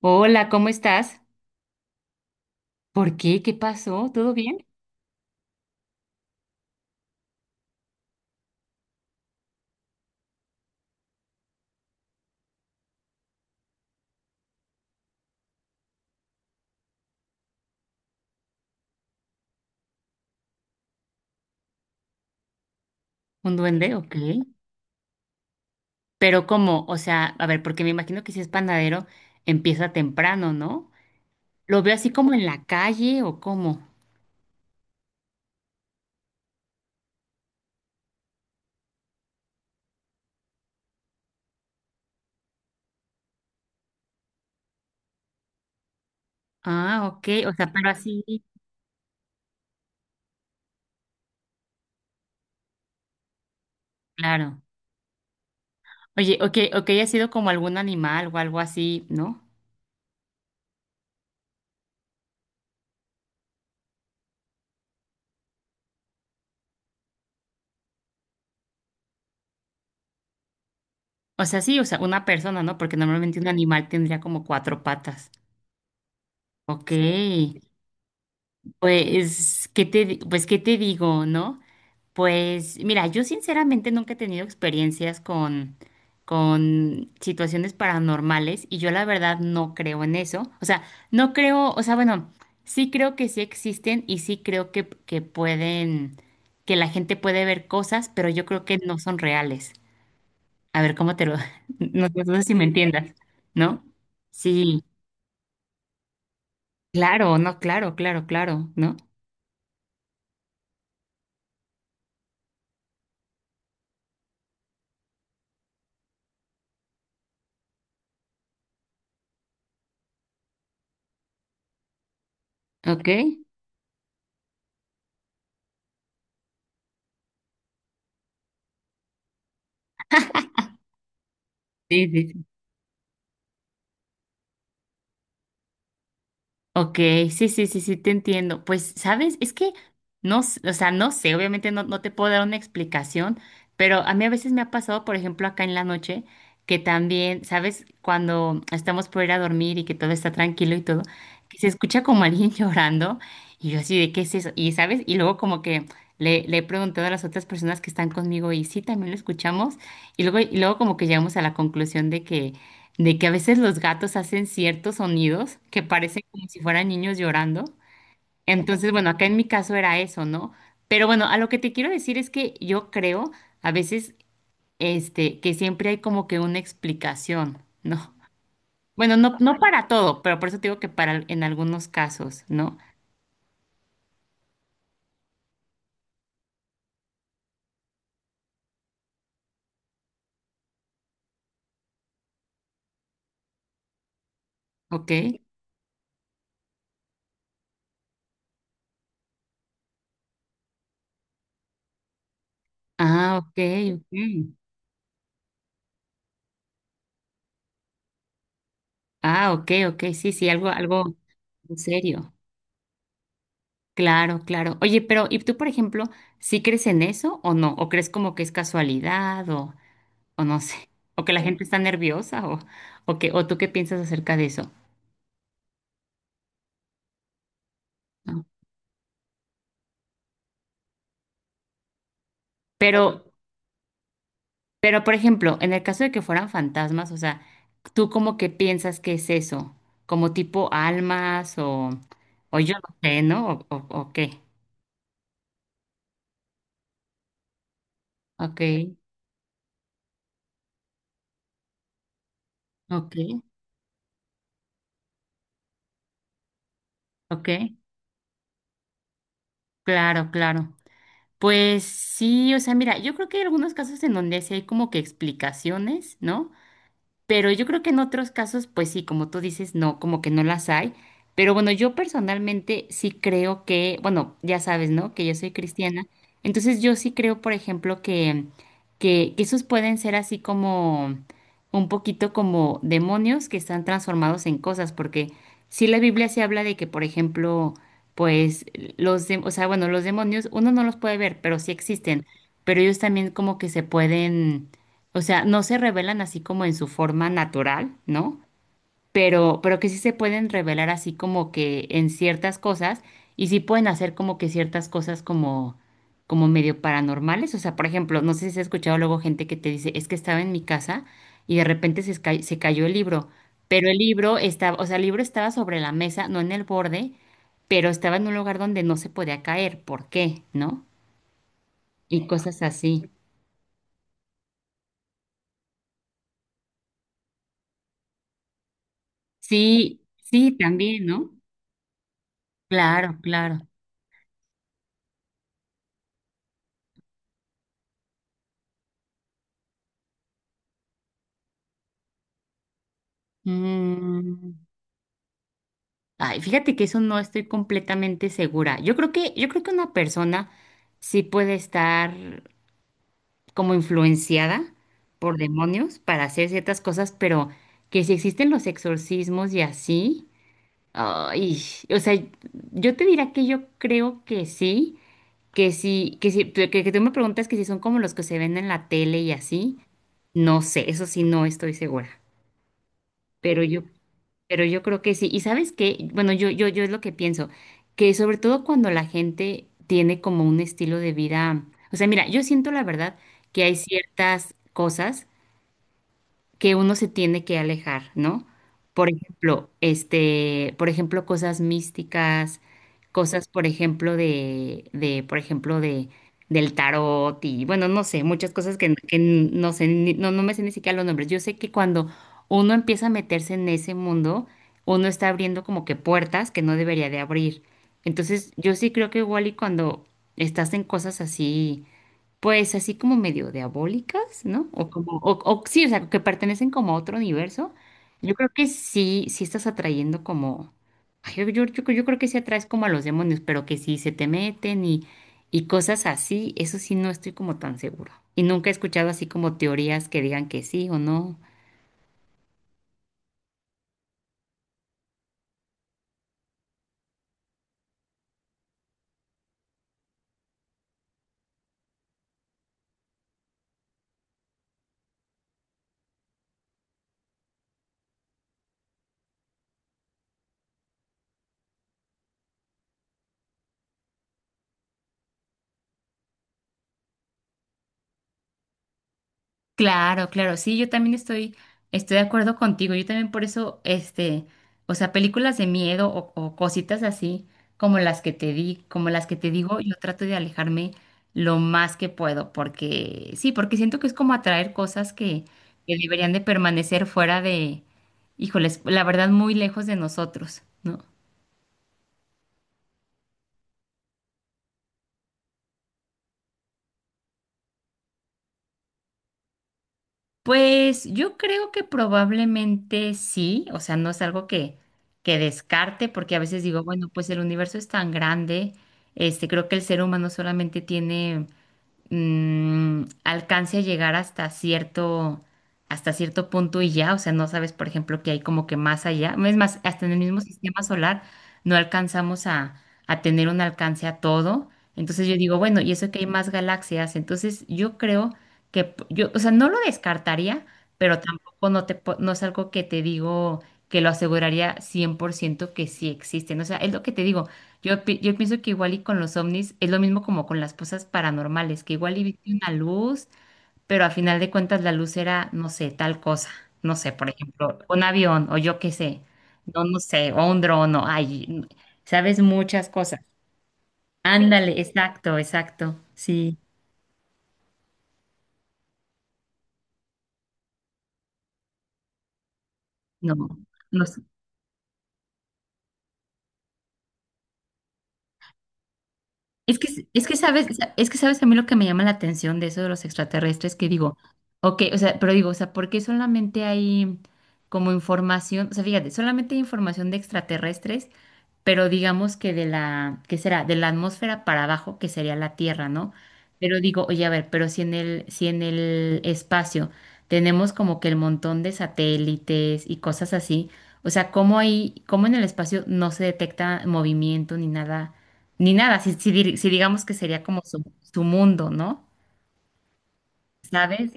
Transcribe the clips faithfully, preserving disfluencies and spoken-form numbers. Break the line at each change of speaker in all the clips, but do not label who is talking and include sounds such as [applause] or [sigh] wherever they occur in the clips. Hola, ¿cómo estás? ¿Por qué? ¿Qué pasó? ¿Todo bien? ¿Un duende? Ok. Pero ¿cómo? O sea, a ver, porque me imagino que si es panadero, empieza temprano, ¿no? ¿Lo veo así como en la calle o cómo? Ah, ok. O sea, pero así, claro. Oye, ok, ok, ha sido como algún animal o algo así, ¿no? O sea, sí, o sea, una persona, ¿no? Porque normalmente un animal tendría como cuatro patas. Ok. Pues, ¿qué te, di- pues, ¿qué te digo, no? Pues mira, yo sinceramente nunca he tenido experiencias con, con situaciones paranormales y yo la verdad no creo en eso. O sea, no creo, o sea, bueno, sí creo que sí existen y sí creo que, que pueden, que la gente puede ver cosas, pero yo creo que no son reales. A ver, ¿cómo te lo... [laughs] No, no sé si me entiendas, ¿no? Sí, claro, no, claro, claro, claro, ¿no? Ok, sí, sí, sí. Ok, sí, sí, sí, sí, te entiendo. Pues, ¿sabes? Es que no, s- o sea, no sé, obviamente no, no te puedo dar una explicación, pero a mí a veces me ha pasado, por ejemplo, acá en la noche, que también, ¿sabes? Cuando estamos por ir a dormir y que todo está tranquilo y todo, que se escucha como alguien [laughs] llorando y yo así de, ¿qué es eso? Y, ¿sabes? Y luego como que le, le he preguntado a las otras personas que están conmigo y sí, también lo escuchamos y luego, y luego como que llegamos a la conclusión de que de que a veces los gatos hacen ciertos sonidos que parecen como si fueran niños llorando. Entonces, bueno, acá en mi caso era eso, ¿no? Pero bueno, a lo que te quiero decir es que yo creo a veces este que siempre hay como que una explicación, ¿no? Bueno, no, no para todo, pero por eso te digo que para en algunos casos, ¿no? Ok. Ah, ok, ok. Ah, ok, ok, sí, sí, algo, algo en serio. Claro, claro. Oye, pero ¿y tú, por ejemplo, sí crees en eso o no? ¿O crees como que es casualidad o, o no sé? ¿O que la gente está nerviosa o, o que, o tú qué piensas acerca de eso? ¿No? Pero, pero, por ejemplo, en el caso de que fueran fantasmas, o sea, ¿tú como que piensas que es eso? ¿Como tipo almas o, o yo no sé, ¿no? ¿O, o, o qué? Ok, ok, ok. Claro, claro. Pues sí, o sea, mira, yo creo que hay algunos casos en donde sí hay como que explicaciones, ¿no? Pero yo creo que en otros casos, pues sí, como tú dices, no, como que no las hay. Pero bueno, yo personalmente sí creo que, bueno, ya sabes, ¿no? Que yo soy cristiana. Entonces yo sí creo, por ejemplo, que, que, que esos pueden ser así como un poquito como demonios que están transformados en cosas, porque sí la Biblia se habla de que, por ejemplo, pues los, de- o sea, bueno, los demonios uno no los puede ver, pero sí existen. Pero ellos también como que se pueden o sea, no se revelan así como en su forma natural, ¿no? Pero, pero que sí se pueden revelar así como que en ciertas cosas y sí pueden hacer como que ciertas cosas como, como medio paranormales. O sea, por ejemplo, no sé si has escuchado luego gente que te dice, es que estaba en mi casa y de repente se, esca- se cayó el libro, pero el libro estaba, o sea, el libro estaba sobre la mesa, no en el borde, pero estaba en un lugar donde no se podía caer. ¿Por qué? ¿No? Y cosas así. Sí, sí, también, ¿no? Claro, claro. Mm, ay, fíjate que eso no estoy completamente segura. Yo creo que, yo creo que una persona sí puede estar como influenciada por demonios para hacer ciertas cosas, pero que si existen los exorcismos y así, ay, o sea, yo te diría que yo creo que sí, que sí, que sí, que, que tú me preguntas que si son como los que se ven en la tele y así, no sé, eso sí no estoy segura. Pero yo Pero yo creo que sí. Y sabes qué, bueno, yo, yo, yo es lo que pienso, que sobre todo cuando la gente tiene como un estilo de vida, o sea, mira, yo siento la verdad que hay ciertas cosas que uno se tiene que alejar, ¿no? Por ejemplo, este, por ejemplo, cosas místicas, cosas, por ejemplo, de, de, por ejemplo, de, del tarot y, bueno, no sé, muchas cosas que, que no sé, ni- no, no me sé ni siquiera los nombres. Yo sé que cuando uno empieza a meterse en ese mundo, uno está abriendo como que puertas que no debería de abrir. Entonces, yo sí creo que igual y cuando estás en cosas así, pues así como medio diabólicas, ¿no? O como, o, o sí, o sea, que pertenecen como a otro universo. Yo creo que sí, sí estás atrayendo como, ay, yo, yo, yo- yo creo que sí atraes como a los demonios, pero que sí se te meten y, y cosas así, eso sí no estoy como tan seguro. Y nunca he escuchado así como teorías que digan que sí o no. Claro, claro, sí, yo también estoy, estoy de acuerdo contigo. Yo también por eso, este, o sea, películas de miedo o, o cositas así como las que te di, como las que te digo, yo trato de alejarme lo más que puedo, porque sí, porque siento que es como atraer cosas que, que deberían de permanecer fuera de, híjoles, la verdad, muy lejos de nosotros, ¿no? Pues yo creo que probablemente sí, o sea, no es algo que, que descarte, porque a veces digo, bueno, pues el universo es tan grande, este, creo que el ser humano solamente tiene mm, alcance a llegar hasta cierto, hasta cierto punto y ya, o sea, no sabes, por ejemplo, que hay como que más allá, es más, hasta en el mismo sistema solar no alcanzamos a, a tener un alcance a todo, entonces yo digo, bueno, y eso que hay más galaxias, entonces yo creo que p- yo, o sea, no lo descartaría, pero tampoco no te, po- no es algo que te digo que lo aseguraría cien por ciento que sí existen. O sea, es lo que te digo. Yo, pi- yo pienso que igual y con los ovnis es lo mismo como con las cosas paranormales, que igual y viste una luz, pero a final de cuentas la luz era, no sé, tal cosa. No sé, por ejemplo, un avión o yo qué sé. No, no sé, o un dron, o ay, sabes muchas cosas. Sí. Ándale, exacto, exacto. Sí, no. no Es que, es que sabes, es que sabes a mí lo que me llama la atención de eso de los extraterrestres, que digo, ok, o sea, pero digo, o sea, ¿por qué solamente hay como información? O sea, fíjate, solamente hay información de extraterrestres pero digamos que de la, ¿qué será? De la atmósfera para abajo, que sería la Tierra, ¿no? Pero digo, oye, a ver, pero si en el, si en el espacio tenemos como que el montón de satélites y cosas así, o sea, ¿cómo ahí, cómo en el espacio no se detecta movimiento ni nada, ni nada, si, si dir- si digamos que sería como su, su mundo, ¿no? ¿Sabes?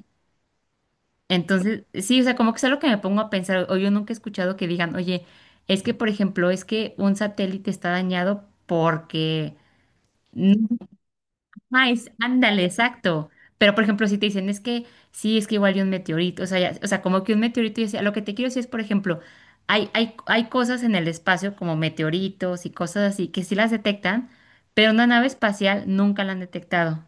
Entonces, sí, o sea, como que es algo que me pongo a pensar, o yo nunca he escuchado que digan, oye, es que, por ejemplo, es que un satélite está dañado porque no, ajá, es, ándale, exacto. Pero, por ejemplo, si te dicen, es que sí, es que igual hay un meteorito, o sea, ya- o sea, como que un meteorito, yo decía, lo que te quiero decir es, por ejemplo, hay, hay, hay cosas en el espacio como meteoritos y cosas así que sí las detectan, pero una nave espacial nunca la han detectado.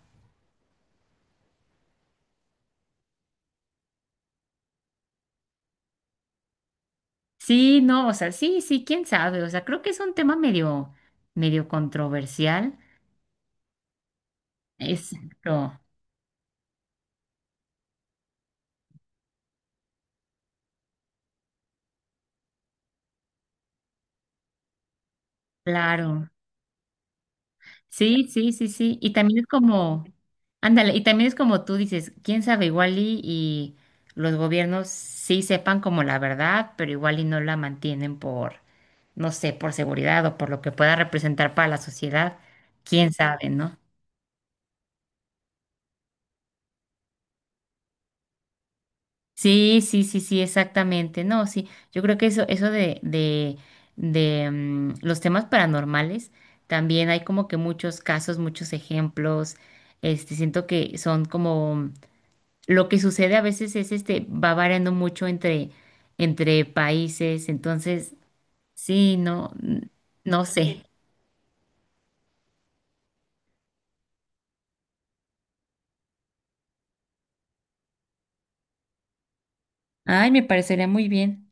Sí, no, o sea, sí, sí, quién sabe, o sea, creo que es un tema medio, medio controversial. Exacto, claro. Sí, sí, sí, sí. Y también es como, ándale, y también es como tú dices, quién sabe, igual y, y los gobiernos sí sepan como la verdad, pero igual y no la mantienen por, no sé, por seguridad o por lo que pueda representar para la sociedad, quién sabe, ¿no? Sí, sí, sí, sí, exactamente. No, sí, yo creo que eso, eso de, de, de mm, los temas paranormales, también hay como que muchos casos, muchos ejemplos, este, siento que son como Lo que sucede a veces es este, va variando mucho entre, entre países, entonces, sí, no, n- no Sí. sé. Ay, me parecería muy bien.